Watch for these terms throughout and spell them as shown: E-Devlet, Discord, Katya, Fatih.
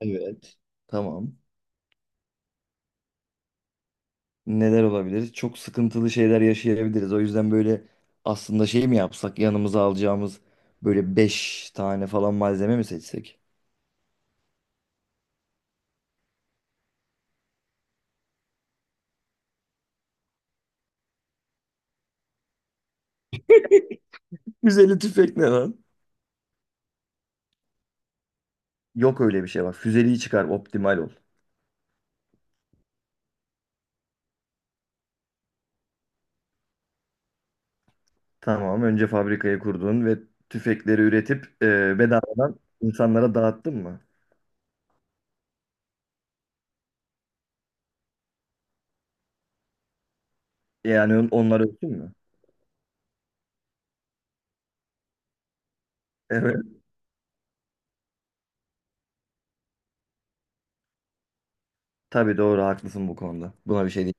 Evet. Tamam. Neler olabilir? Çok sıkıntılı şeyler yaşayabiliriz. O yüzden böyle aslında şey mi yapsak? Yanımıza alacağımız böyle 5 tane falan malzeme mi seçsek? Füzeli tüfek ne lan? Yok öyle bir şey bak. Füzeliği çıkar, optimal ol. Tamam. Önce fabrikayı kurdun ve tüfekleri üretip bedavadan insanlara dağıttın mı? Yani onlar ölsün mü? Evet. Tabii doğru haklısın bu konuda. Buna bir şey değil.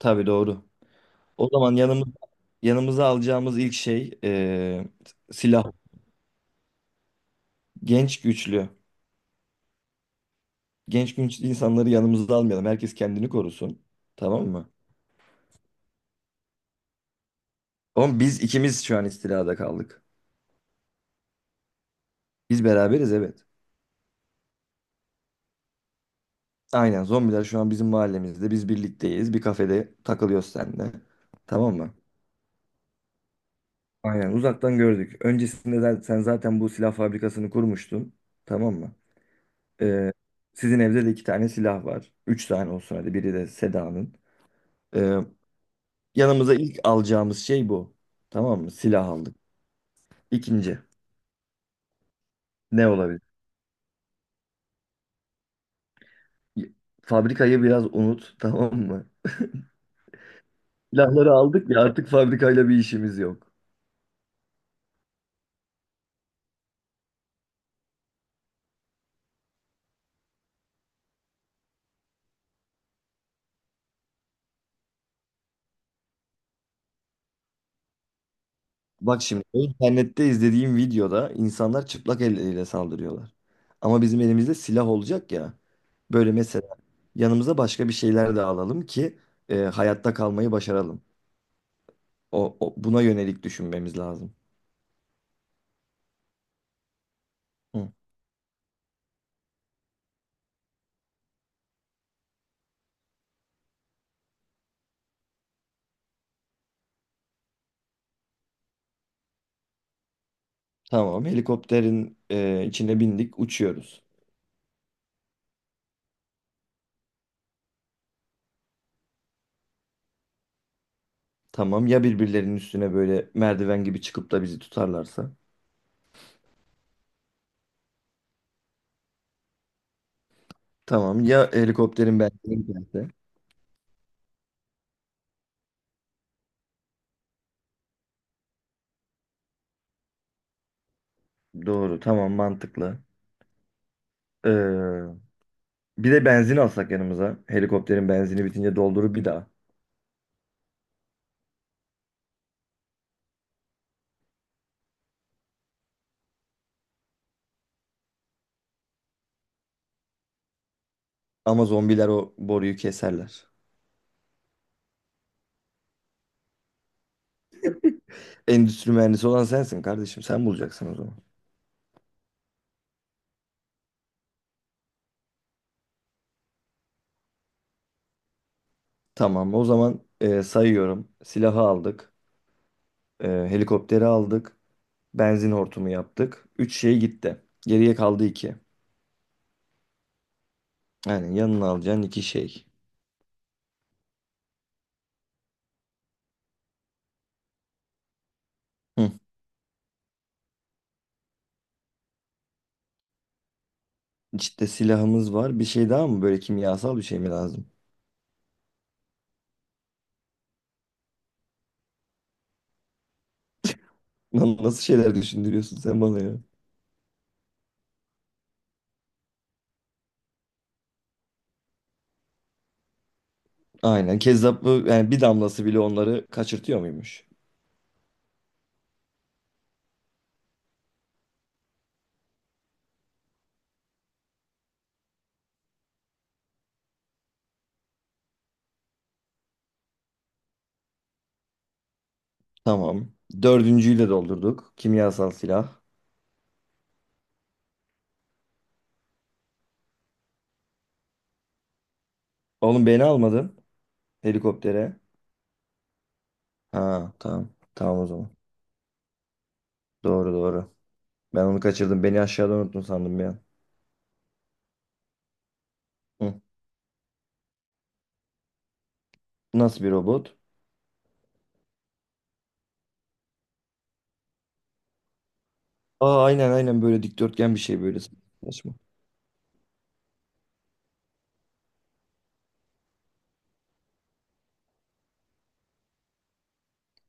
Tabii doğru. O zaman yanımıza alacağımız ilk şey silah. Genç güçlü. Genç güçlü insanları yanımıza almayalım. Herkes kendini korusun. Tamam mı? Oğlum biz ikimiz şu an istilada kaldık. Biz beraberiz, evet. Aynen, zombiler şu an bizim mahallemizde. Biz birlikteyiz. Bir kafede takılıyoruz seninle. Tamam mı? Aynen uzaktan gördük. Öncesinde de sen zaten bu silah fabrikasını kurmuştun. Tamam mı? E, sizin evde de iki tane silah var. Üç tane olsun hadi. Biri de Seda'nın. Ee, Yanımıza ilk alacağımız şey bu. Tamam mı? Silah aldık. İkinci ne olabilir? Y- Fabrikayı biraz unut tamam mı? Silahları aldık ya, artık fabrikayla bir işimiz yok. Bak şimdi, internette izlediğim videoda insanlar çıplak elleriyle saldırıyorlar. Ama bizim elimizde silah olacak ya. Böyle mesela yanımıza başka bir şeyler de alalım ki hayatta kalmayı başaralım. Buna yönelik düşünmemiz lazım. Hı. Tamam, helikopterin içine bindik, uçuyoruz. Tamam ya, birbirlerinin üstüne böyle merdiven gibi çıkıp da bizi tutarlarsa. Tamam ya, helikopterin benzini biterse. Doğru, tamam, mantıklı. Ee, bir de benzin alsak yanımıza. Helikopterin benzini bitince doldurup bir daha. Ama zombiler o boruyu keserler. Endüstri mühendisi olan sensin kardeşim. Sen bulacaksın o zaman. Tamam o zaman, sayıyorum. Silahı aldık. Helikopteri aldık. Benzin hortumu yaptık. Üç şey gitti. Geriye kaldı iki. Yani yanına alacağın 2 şey. Hı. İşte silahımız var. Bir şey daha mı? Böyle kimyasal bir şey mi lazım? Lan nasıl şeyler düşündürüyorsun sen bana ya? Aynen. Kezzaplı yani, bir damlası bile onları kaçırtıyor muymuş? Tamam. Dördüncüyü de doldurduk. Kimyasal silah. Oğlum, beni almadın helikoptere. Ha, tamam. Tamam o zaman. Doğru doğru. Ben onu kaçırdım. Beni aşağıda unuttun sandım ya. Hı. Nasıl bir robot? Aa, aynen aynen, böyle dikdörtgen bir şey böyle saçma.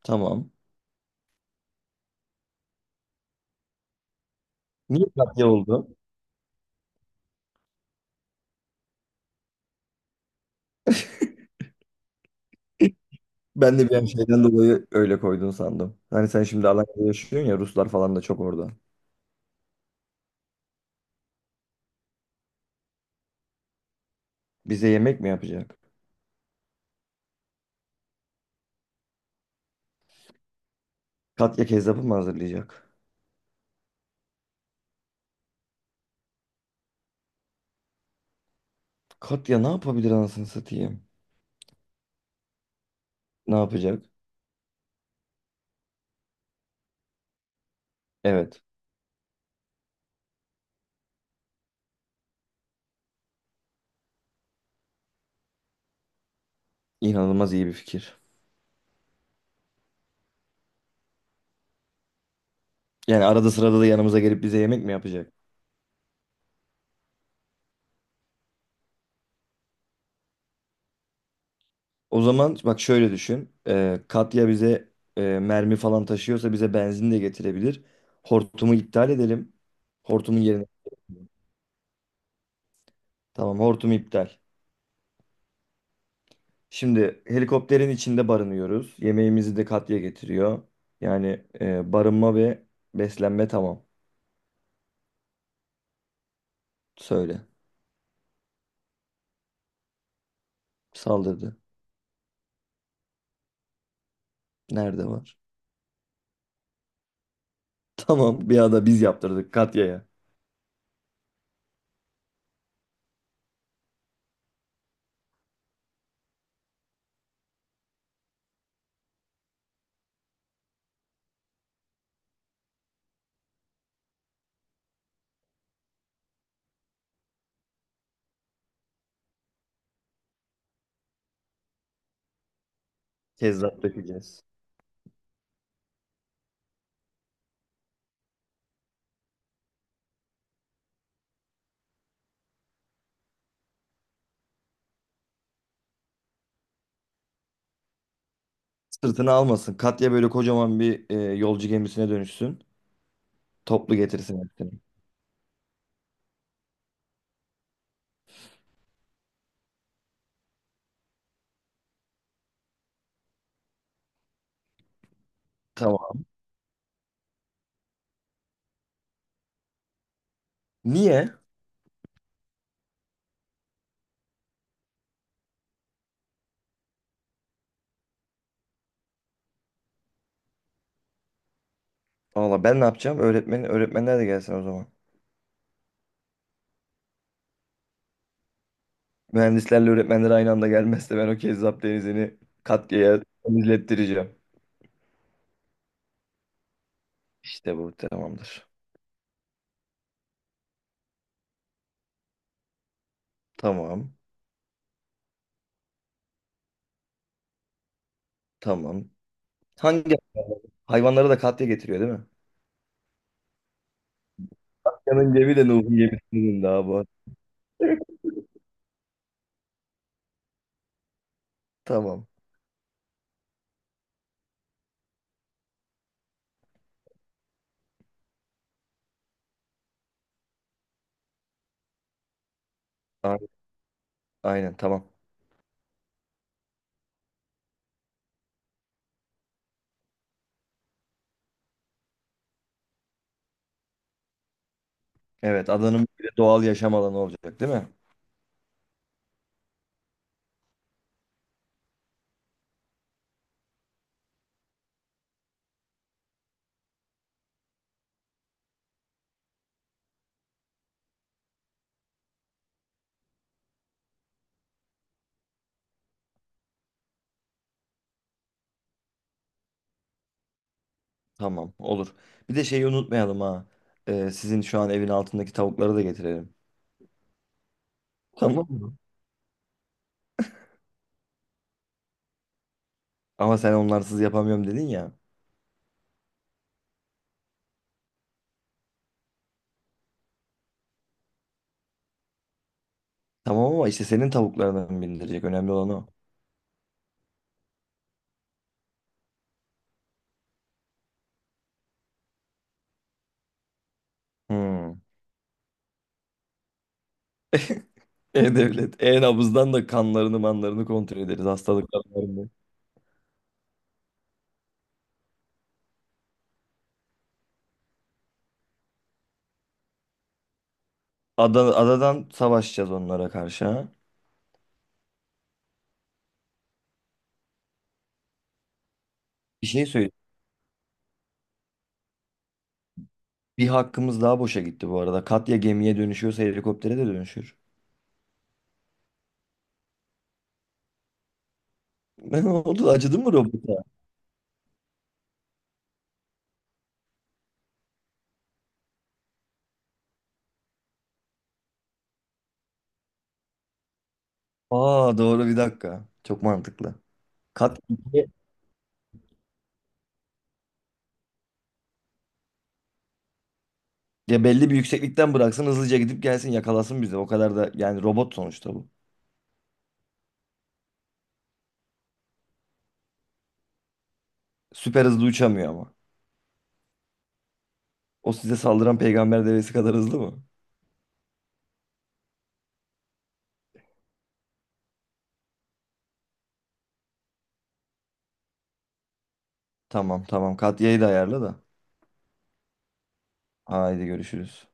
Tamam. Niye Katya oldu? Ben de bir an şeyden dolayı öyle koydun sandım. Hani sen şimdi Alanya'da yaşıyorsun ya, Ruslar falan da çok orada. Bize yemek mi yapacak? Katya kezzapı mı hazırlayacak? Katya ne yapabilir anasını satayım? Ne yapacak? Evet. İnanılmaz iyi bir fikir. Yani arada sırada da yanımıza gelip bize yemek mi yapacak? O zaman bak şöyle düşün. Katya bize mermi falan taşıyorsa bize benzin de getirebilir. Hortumu iptal edelim. Hortumun yerine Tamam, hortum iptal. Şimdi helikopterin içinde barınıyoruz. Yemeğimizi de Katya getiriyor. Yani barınma ve beslenme tamam. Söyle. Saldırdı. Nerede var? Tamam, bir anda biz yaptırdık Katya'ya. Kezzap dökeceğiz. Sırtını almasın. Katya böyle kocaman bir yolcu gemisine dönüşsün. Toplu getirsin hepsini. Tamam. Niye? Valla ben ne yapacağım? Öğretmen, öğretmenler de gelsin o zaman. Mühendislerle öğretmenler aynı anda gelmezse ben o kezzap denizini Katya'ya izlettireceğim. İşte bu tamamdır. Tamam. Tamam. Hangi hayvanları da Katya getiriyor değil mi? Katya'nın cebi de Nuh'un gemisinin daha bu. Tamam. A- Aynen, tamam. Evet, adanın bir de doğal yaşam alanı olacak değil mi? Tamam, olur. Bir de şeyi unutmayalım ha. Sizin şu an evin altındaki tavukları da getirelim. Tamam. Ama sen onlarsız yapamıyorum dedin ya. Tamam ama işte senin tavuklarını bindirecek. Önemli olan o. Hmm. E-Devlet. E-Nabız'dan da kanlarını manlarını kontrol ederiz. Hastalıklarını. Adadan savaşacağız onlara karşı, ha. Bir şey söyleyeyim. Bir hakkımız daha boşa gitti bu arada. Katya gemiye dönüşüyorsa helikoptere de dönüşür. Ne oldu? Acıdı mı robota? Aa doğru, bir dakika. Çok mantıklı. Kat ya belli bir yükseklikten bıraksın, hızlıca gidip gelsin, yakalasın bizi. O kadar da yani, robot sonuçta bu. Süper hızlı uçamıyor ama. O size saldıran peygamber devesi kadar hızlı mı? Tamam tamam. Katya'yı da ayarla da. Haydi görüşürüz.